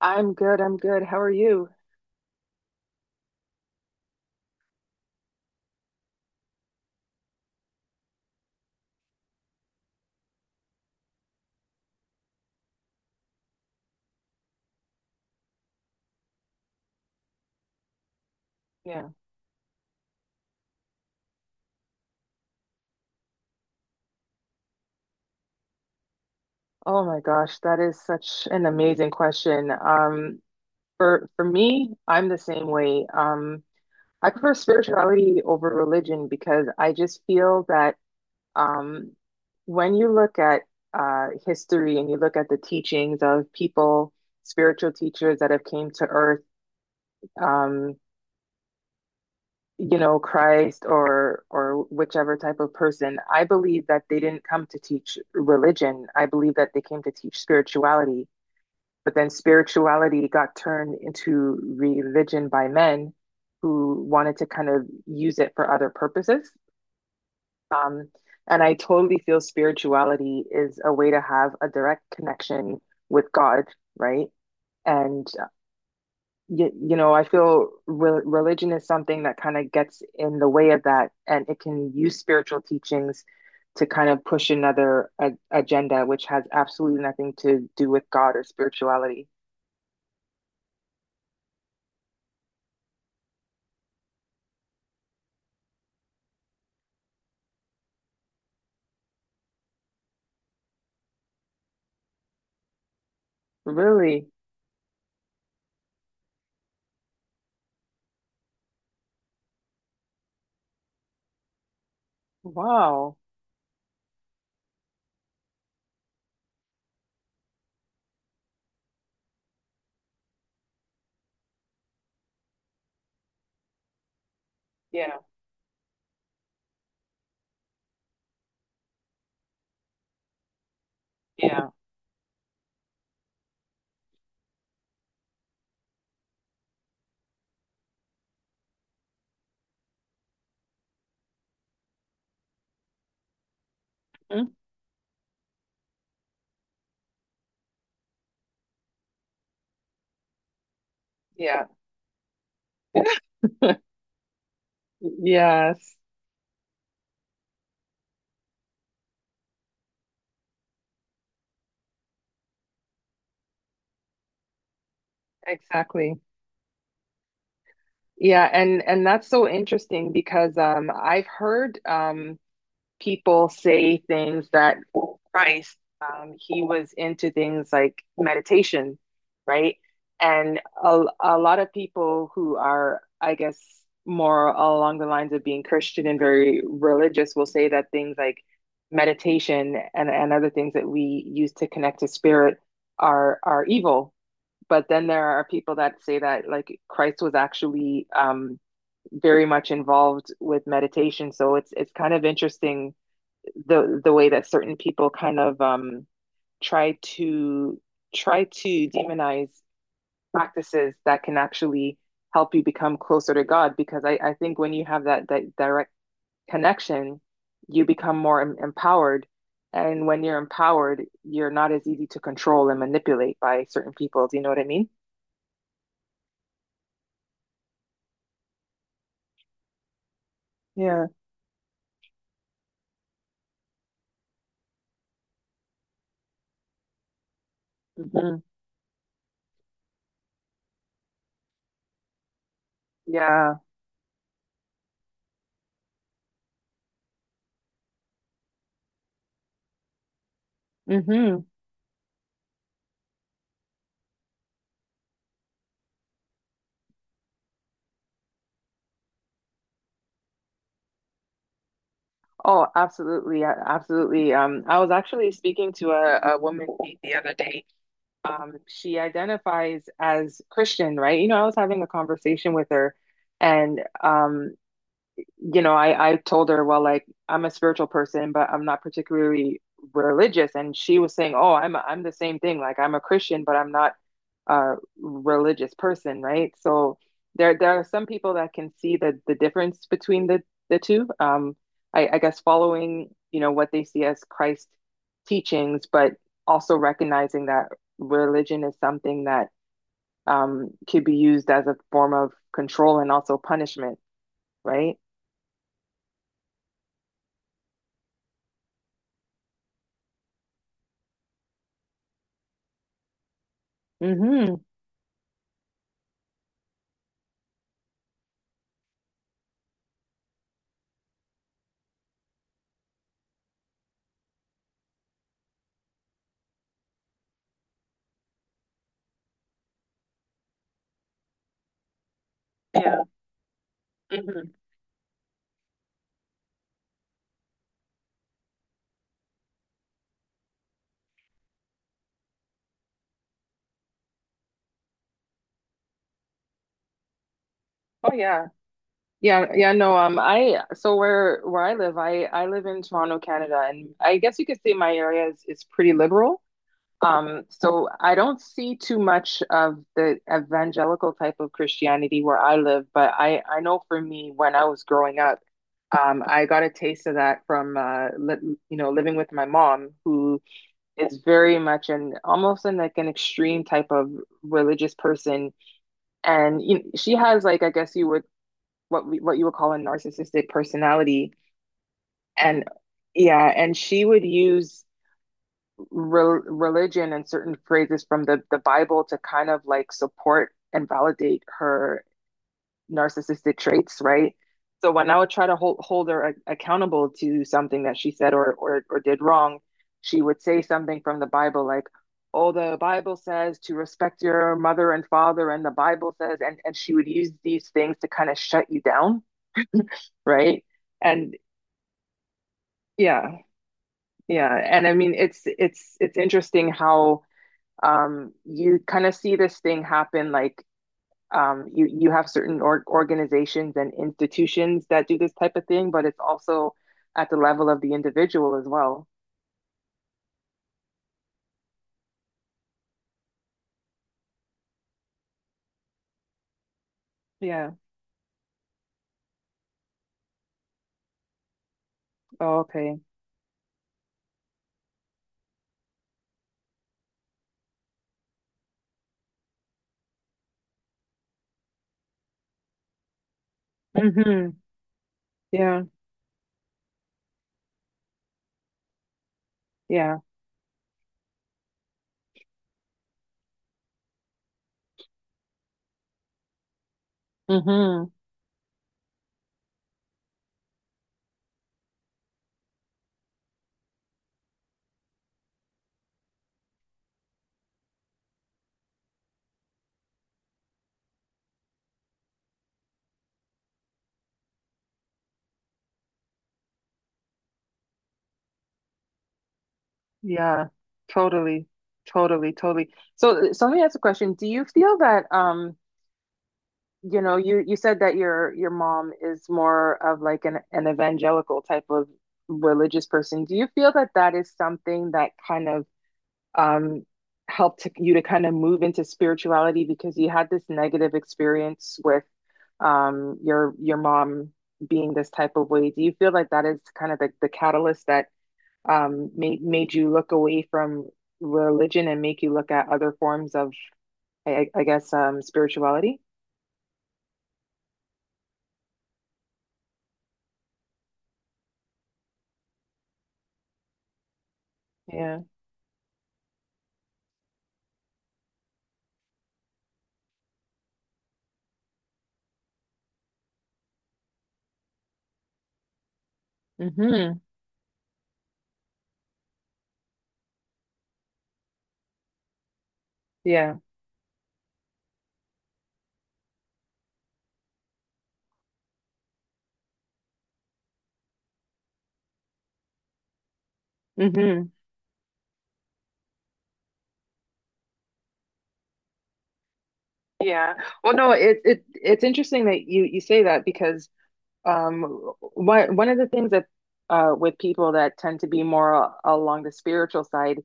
I'm good. I'm good. How are you? Yeah. Oh my gosh, that is such an amazing question. For me, I'm the same way. I prefer spirituality over religion because I just feel that um, when you look at history and you look at the teachings of people, spiritual teachers that have came to earth, um, Christ or whichever type of person, I believe that they didn't come to teach religion. I believe that they came to teach spirituality. But then spirituality got turned into religion by men who wanted to kind of use it for other purposes. Um, and I totally feel spirituality is a way to have a direct connection with God, right? And I feel re religion is something that kind of gets in the way of that, and it can use spiritual teachings to kind of push another a agenda, which has absolutely nothing to do with God or spirituality. Really? Wow. Yeah. Yeah. Mm, Yeah. Yes, exactly. Yeah, and that's so interesting because I've heard people say things that Christ, he was into things like meditation, right? And a lot of people who are, I guess, more along the lines of being Christian and very religious will say that things like meditation and other things that we use to connect to spirit are evil. But then there are people that say that like Christ was actually very much involved with meditation. So it's kind of interesting the way that certain people kind of try to try to demonize practices that can actually help you become closer to God. Because I think when you have that direct connection, you become more empowered. And when you're empowered, you're not as easy to control and manipulate by certain people. Do you know what I mean? Yeah. Hmm. Yeah. Hmm. Oh, absolutely. Absolutely. I was actually speaking to a woman the other day, she identifies as Christian, right? You know, I was having a conversation with her, and you know, I told her, well, like I'm a spiritual person, but I'm not particularly religious, and she was saying, oh, I'm the same thing. Like I'm a Christian, but I'm not a religious person, right? So there are some people that can see the difference between the two. I guess following, you know, what they see as Christ teachings, but also recognizing that religion is something that could be used as a form of control and also punishment, right? Mm-hmm. Yeah. Mhm. Oh yeah. Yeah, yeah, no, I so where I live, I live in Toronto, Canada, and I guess you could say my area is pretty liberal. So I don't see too much of the evangelical type of Christianity where I live, but I know for me when I was growing up, I got a taste of that from li you know, living with my mom who is very much an almost an like an extreme type of religious person. She has like I guess you would what you would call a narcissistic personality and yeah and she would use religion and certain phrases from the Bible to kind of like support and validate her narcissistic traits, right? So when I would try to hold her accountable to something that she said, or did wrong, she would say something from the Bible like, oh, the Bible says to respect your mother and father and the Bible says, and she would use these things to kind of shut you down, right? And yeah, yeah. And I mean it's interesting how you kind of see this thing happen like you have certain organizations and institutions that do this type of thing, but it's also at the level of the individual as well. Yeah. Oh, okay. Mm-hmm. Yeah. Yeah. Mm-hmm. Yeah. Totally. Totally, totally. So so let me ask a question. Do you feel that you know, you said that your mom is more of like an evangelical type of religious person. Do you feel that that is something that kind of um helped you to kind of move into spirituality because you had this negative experience with your mom being this type of way? Do you feel like that is kind of the catalyst that made made you look away from religion and make you look at other forms of I guess spirituality? Yeah. Hmm. Yeah. Hmm. Yeah. Well, no, it's interesting that you say that because Um, one one of the things that with people that tend to be more along the spiritual side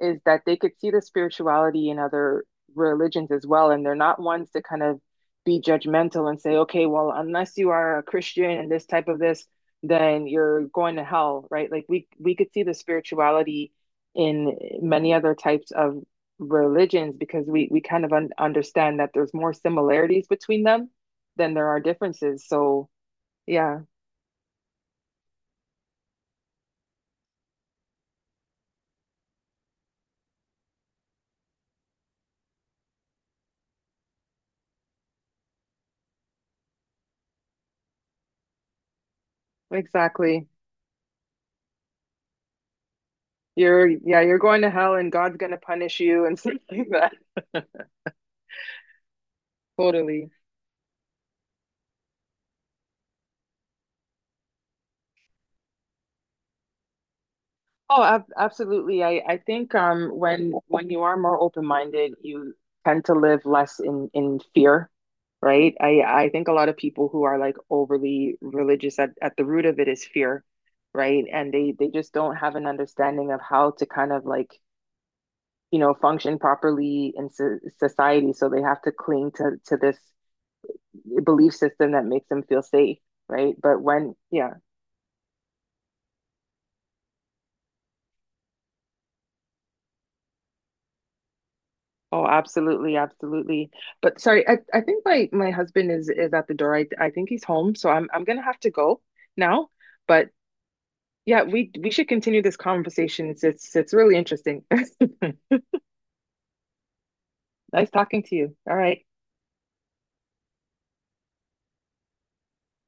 is that they could see the spirituality in other religions as well, and they're not ones to kind of be judgmental and say, okay, well, unless you are a Christian and this type of this, then you're going to hell, right? Like we could see the spirituality in many other types of religions because we kind of un understand that there's more similarities between them than there are differences. So yeah, exactly. You're, yeah, you're going to hell and God's going to punish you and stuff like that. Totally. Oh, ab absolutely. I think when you are more open-minded, you tend to live less in fear, right? I think a lot of people who are like overly religious at the root of it is fear, right? And they just don't have an understanding of how to kind of like, you know, function properly in so society, so they have to cling to this belief system that makes them feel safe, right? But when, yeah, oh, absolutely, absolutely. But sorry, I think my husband is at the door. I think he's home, so I'm gonna have to go now. But yeah, we should continue this conversation. It's really interesting. Nice talking to you. All right.